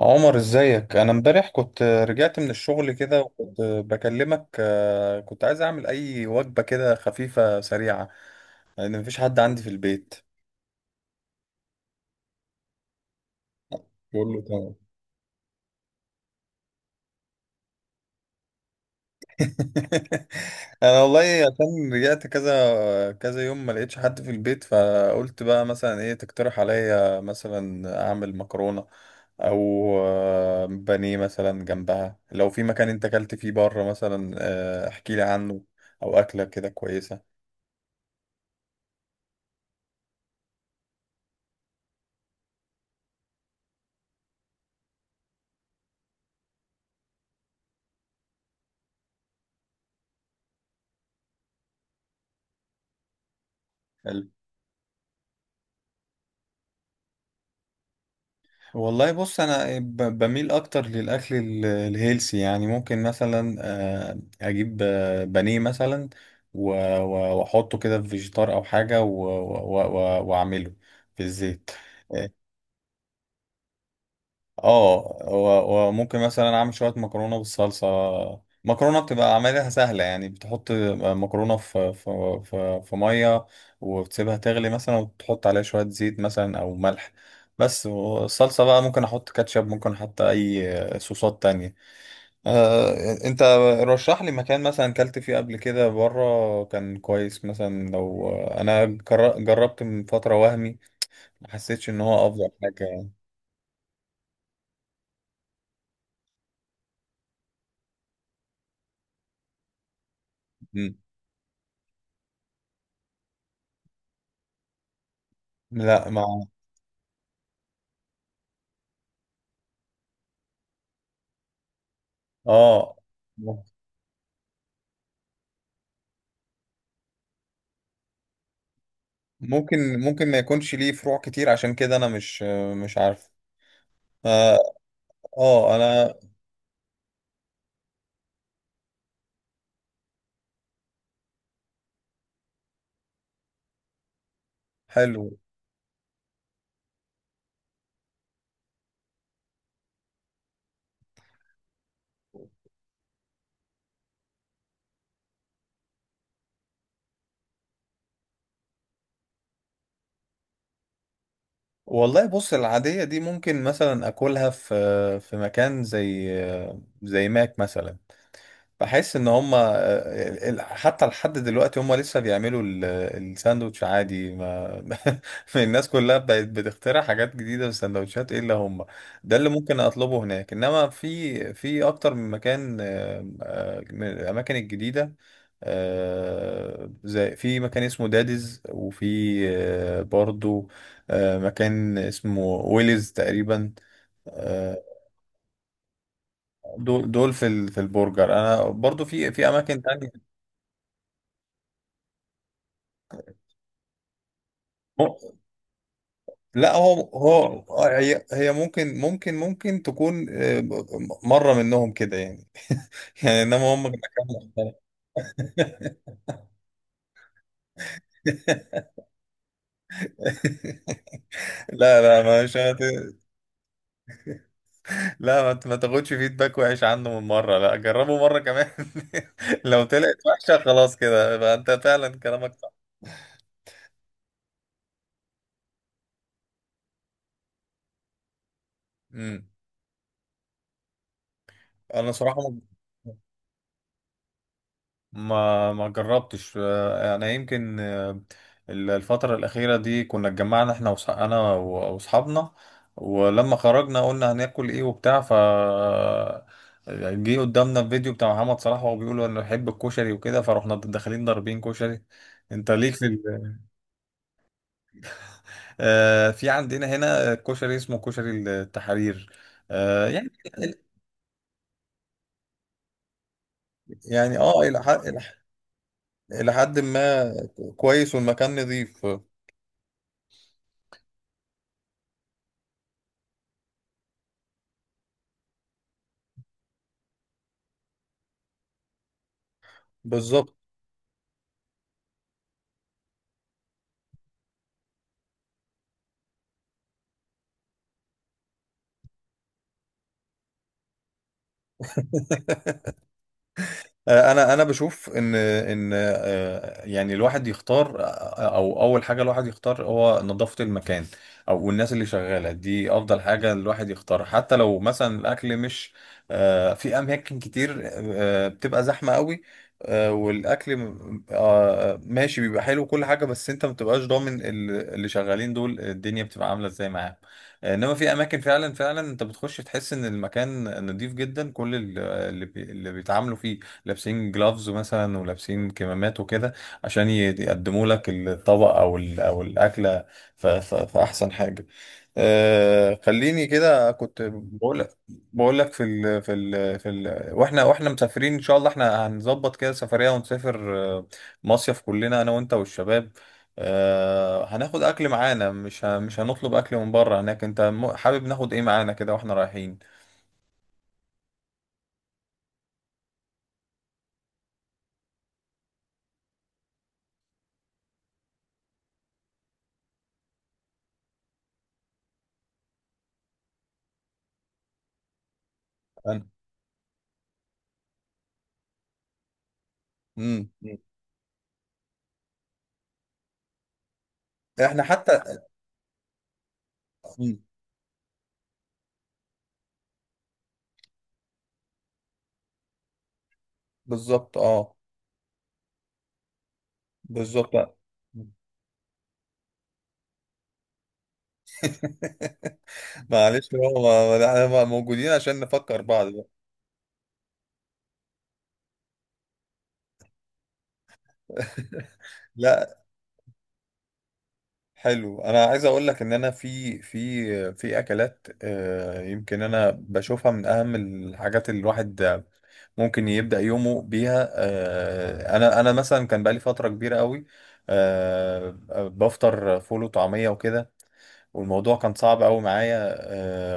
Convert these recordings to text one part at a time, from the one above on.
عمر، ازيك؟ انا امبارح كنت رجعت من الشغل كده وكنت بكلمك، كنت عايز اعمل اي وجبة كده خفيفة سريعة، لان مفيش حد عندي في البيت. بقول له تمام. انا والله عشان رجعت كذا كذا يوم ما لقيتش حد في البيت، فقلت بقى مثلا ايه تقترح عليا؟ مثلا اعمل مكرونة، او بانيه مثلا جنبها. لو في مكان انت اكلت فيه بره مثلا، احكي لي عنه، او اكلة كده كويسة. والله بص، انا بميل اكتر للاكل الهيلسي، يعني ممكن مثلا اجيب بانيه مثلا، و- واحطه كده في فيجيتار او حاجه، واعمله في الزيت. اه، وممكن مثلا اعمل شويه مكرونه بالصلصه. مكرونه بتبقى عملها سهله، يعني بتحط مكرونه في ميه، وبتسيبها تغلي مثلا، وتحط عليها شويه زيت مثلا او ملح بس. والصلصه بقى ممكن احط كاتشب، ممكن احط اي صوصات تانية. آه، انت رشح لي مكان مثلا كلت فيه قبل كده بره كان كويس. مثلا لو انا جربت من فتره وهمي، ما حسيتش ان هو افضل حاجه يعني. مم. لا. اه، ممكن ما يكونش ليه فروع كتير، عشان كده انا مش عارف. اه. انا. حلو. والله بص، العادية دي ممكن مثلا اكلها في مكان زي ماك مثلا. بحس ان هم حتى لحد دلوقتي هم لسه بيعملوا الساندوتش عادي ما. الناس كلها بقت بتخترع حاجات جديدة في السندوتشات الا هم. ده اللي ممكن اطلبه هناك، انما في اكتر من مكان، من الاماكن الجديدة، زي في مكان اسمه داديز، وفي برضو مكان اسمه ويلز تقريبا. آه، دول في في البرجر. انا برضو في اماكن تانية. لا، هو هي ممكن تكون مرة منهم كده يعني. يعني انما هم كانوا. لا، لا، مش لا، ما تاخدش فيدباك وحش عنه من مرة، لا، جربه مرة كمان. لو طلعت وحشة خلاص كده يبقى انت فعلا كلامك صح. امم. انا صراحة ما جربتش. انا يمكن، الفترة الأخيرة دي كنا اتجمعنا احنا انا واصحابنا. ولما خرجنا قلنا هناكل ايه وبتاع، ف جه قدامنا الفيديو بتاع محمد صلاح وهو بيقول انا بحب الكشري وكده، فرحنا داخلين ضاربين كشري. انت ليك في في عندنا هنا كشري اسمه كشري التحرير. يعني يعني اه الى حد إلى حد ما كويس، والمكان نظيف. بالظبط. انا بشوف ان يعني الواحد يختار، او اول حاجه الواحد يختار هو نظافه المكان او الناس اللي شغاله دي. افضل حاجه الواحد يختارها، حتى لو مثلا الاكل مش في اماكن كتير بتبقى زحمه قوي والاكل ماشي، بيبقى حلو كل حاجه، بس انت ما بتبقاش ضامن اللي شغالين دول الدنيا بتبقى عامله ازاي معاهم. انما في اماكن فعلا فعلا انت بتخش تحس ان المكان نضيف جدا، كل اللي بيتعاملوا فيه لابسين جلافز مثلا، ولابسين كمامات وكده، عشان يقدموا لك الطبق او او الاكله في احسن حاجه. خليني كده، كنت بقول لك في ال في ال في ال واحنا مسافرين ان شاء الله، احنا هنظبط كده سفريه ونسافر مصيف كلنا انا وانت والشباب. هناخد اكل معانا، مش هنطلب اكل من بره هناك. انت حابب ناخد ايه معانا كده واحنا رايحين؟ أنا- مم. مم. احنا حتى. مم. بالظبط. اه، بالظبط. لا. معلش، هو احنا موجودين عشان نفكر بعض بقى. لا، حلو. انا عايز اقول لك ان انا في اكلات، يمكن انا بشوفها من اهم الحاجات اللي الواحد ممكن يبدأ يومه بيها. انا مثلا كان بقالي فترة كبيرة قوي آه، بفطر فول وطعمية وكده، والموضوع كان صعب قوي معايا،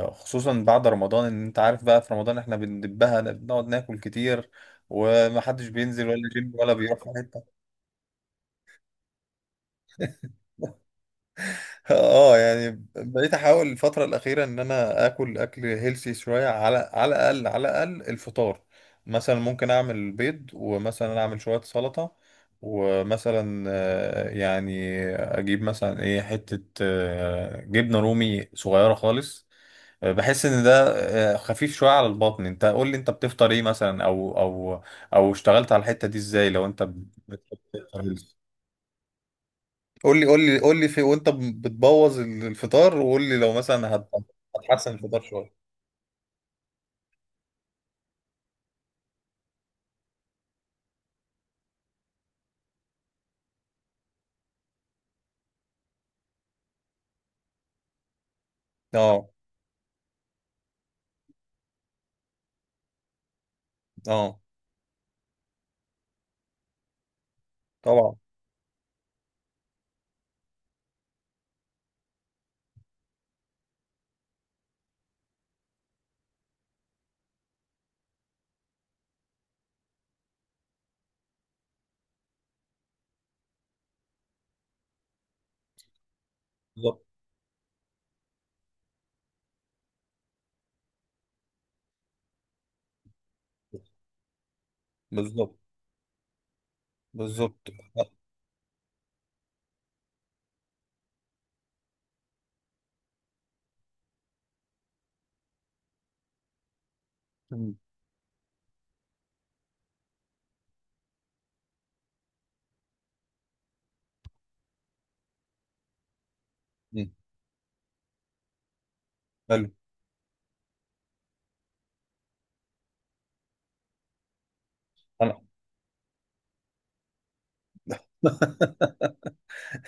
خصوصا بعد رمضان. ان انت عارف بقى، في رمضان احنا بندبها، بنقعد ناكل كتير، ومحدش بينزل ولا جيم ولا بيروح في حته. اه، يعني بقيت احاول الفتره الاخيره ان انا اكل اكل هيلسي شويه، على الاقل على الاقل الفطار. مثلا ممكن اعمل بيض، ومثلا اعمل شويه سلطه، ومثلا يعني اجيب مثلا ايه، حته جبنه رومي صغيره خالص. بحس ان ده خفيف شويه على البطن. انت قول لي انت بتفطر ايه مثلا؟ او اشتغلت على الحته دي ازاي لو انت بتفطر healthy؟ قول لي، قول لي، قول لي في وانت بتبوظ الفطار، وقول لي لو مثلا هتحسن الفطار شويه. اه. اه. طبعا. بالظبط. بالظبط. بالظبط. آه. مم. مم. حلو. انا.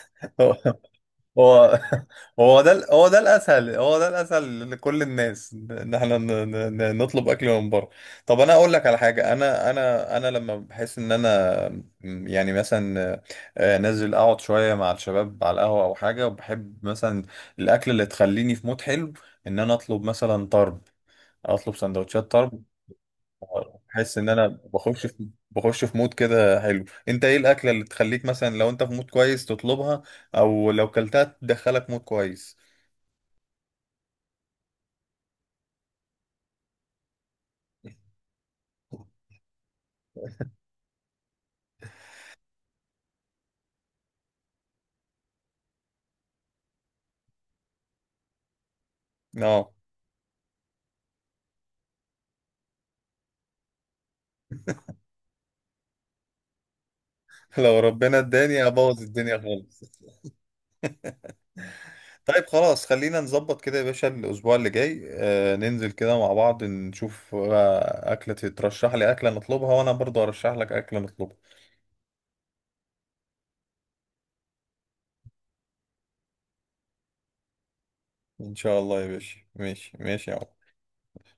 هو. هو ده الاسهل، هو ده الاسهل لكل الناس، ان احنا نطلب اكل من بره. طب انا اقول لك على حاجه، انا لما بحس ان انا، يعني مثلا نازل اقعد شويه مع الشباب على القهوه او حاجه، وبحب مثلا الاكل اللي تخليني في مود حلو، ان انا اطلب مثلا طرب، اطلب سندوتشات طرب. بحس ان انا بخش في مود كده حلو. انت ايه الاكله اللي تخليك مثلا، لو انت في مود كويس تطلبها، او لو كلتها تدخلك مود كويس؟ اه. لو ربنا اداني ابوظ الدنيا خالص. طيب، خلاص، خلينا نظبط كده يا باشا. الاسبوع اللي جاي ننزل كده مع بعض، نشوف اكله ترشح لي، اكله نطلبها، وانا برضو ارشح لك اكله نطلبها. ان شاء الله يا باشا. ماشي، ماشي يا عم.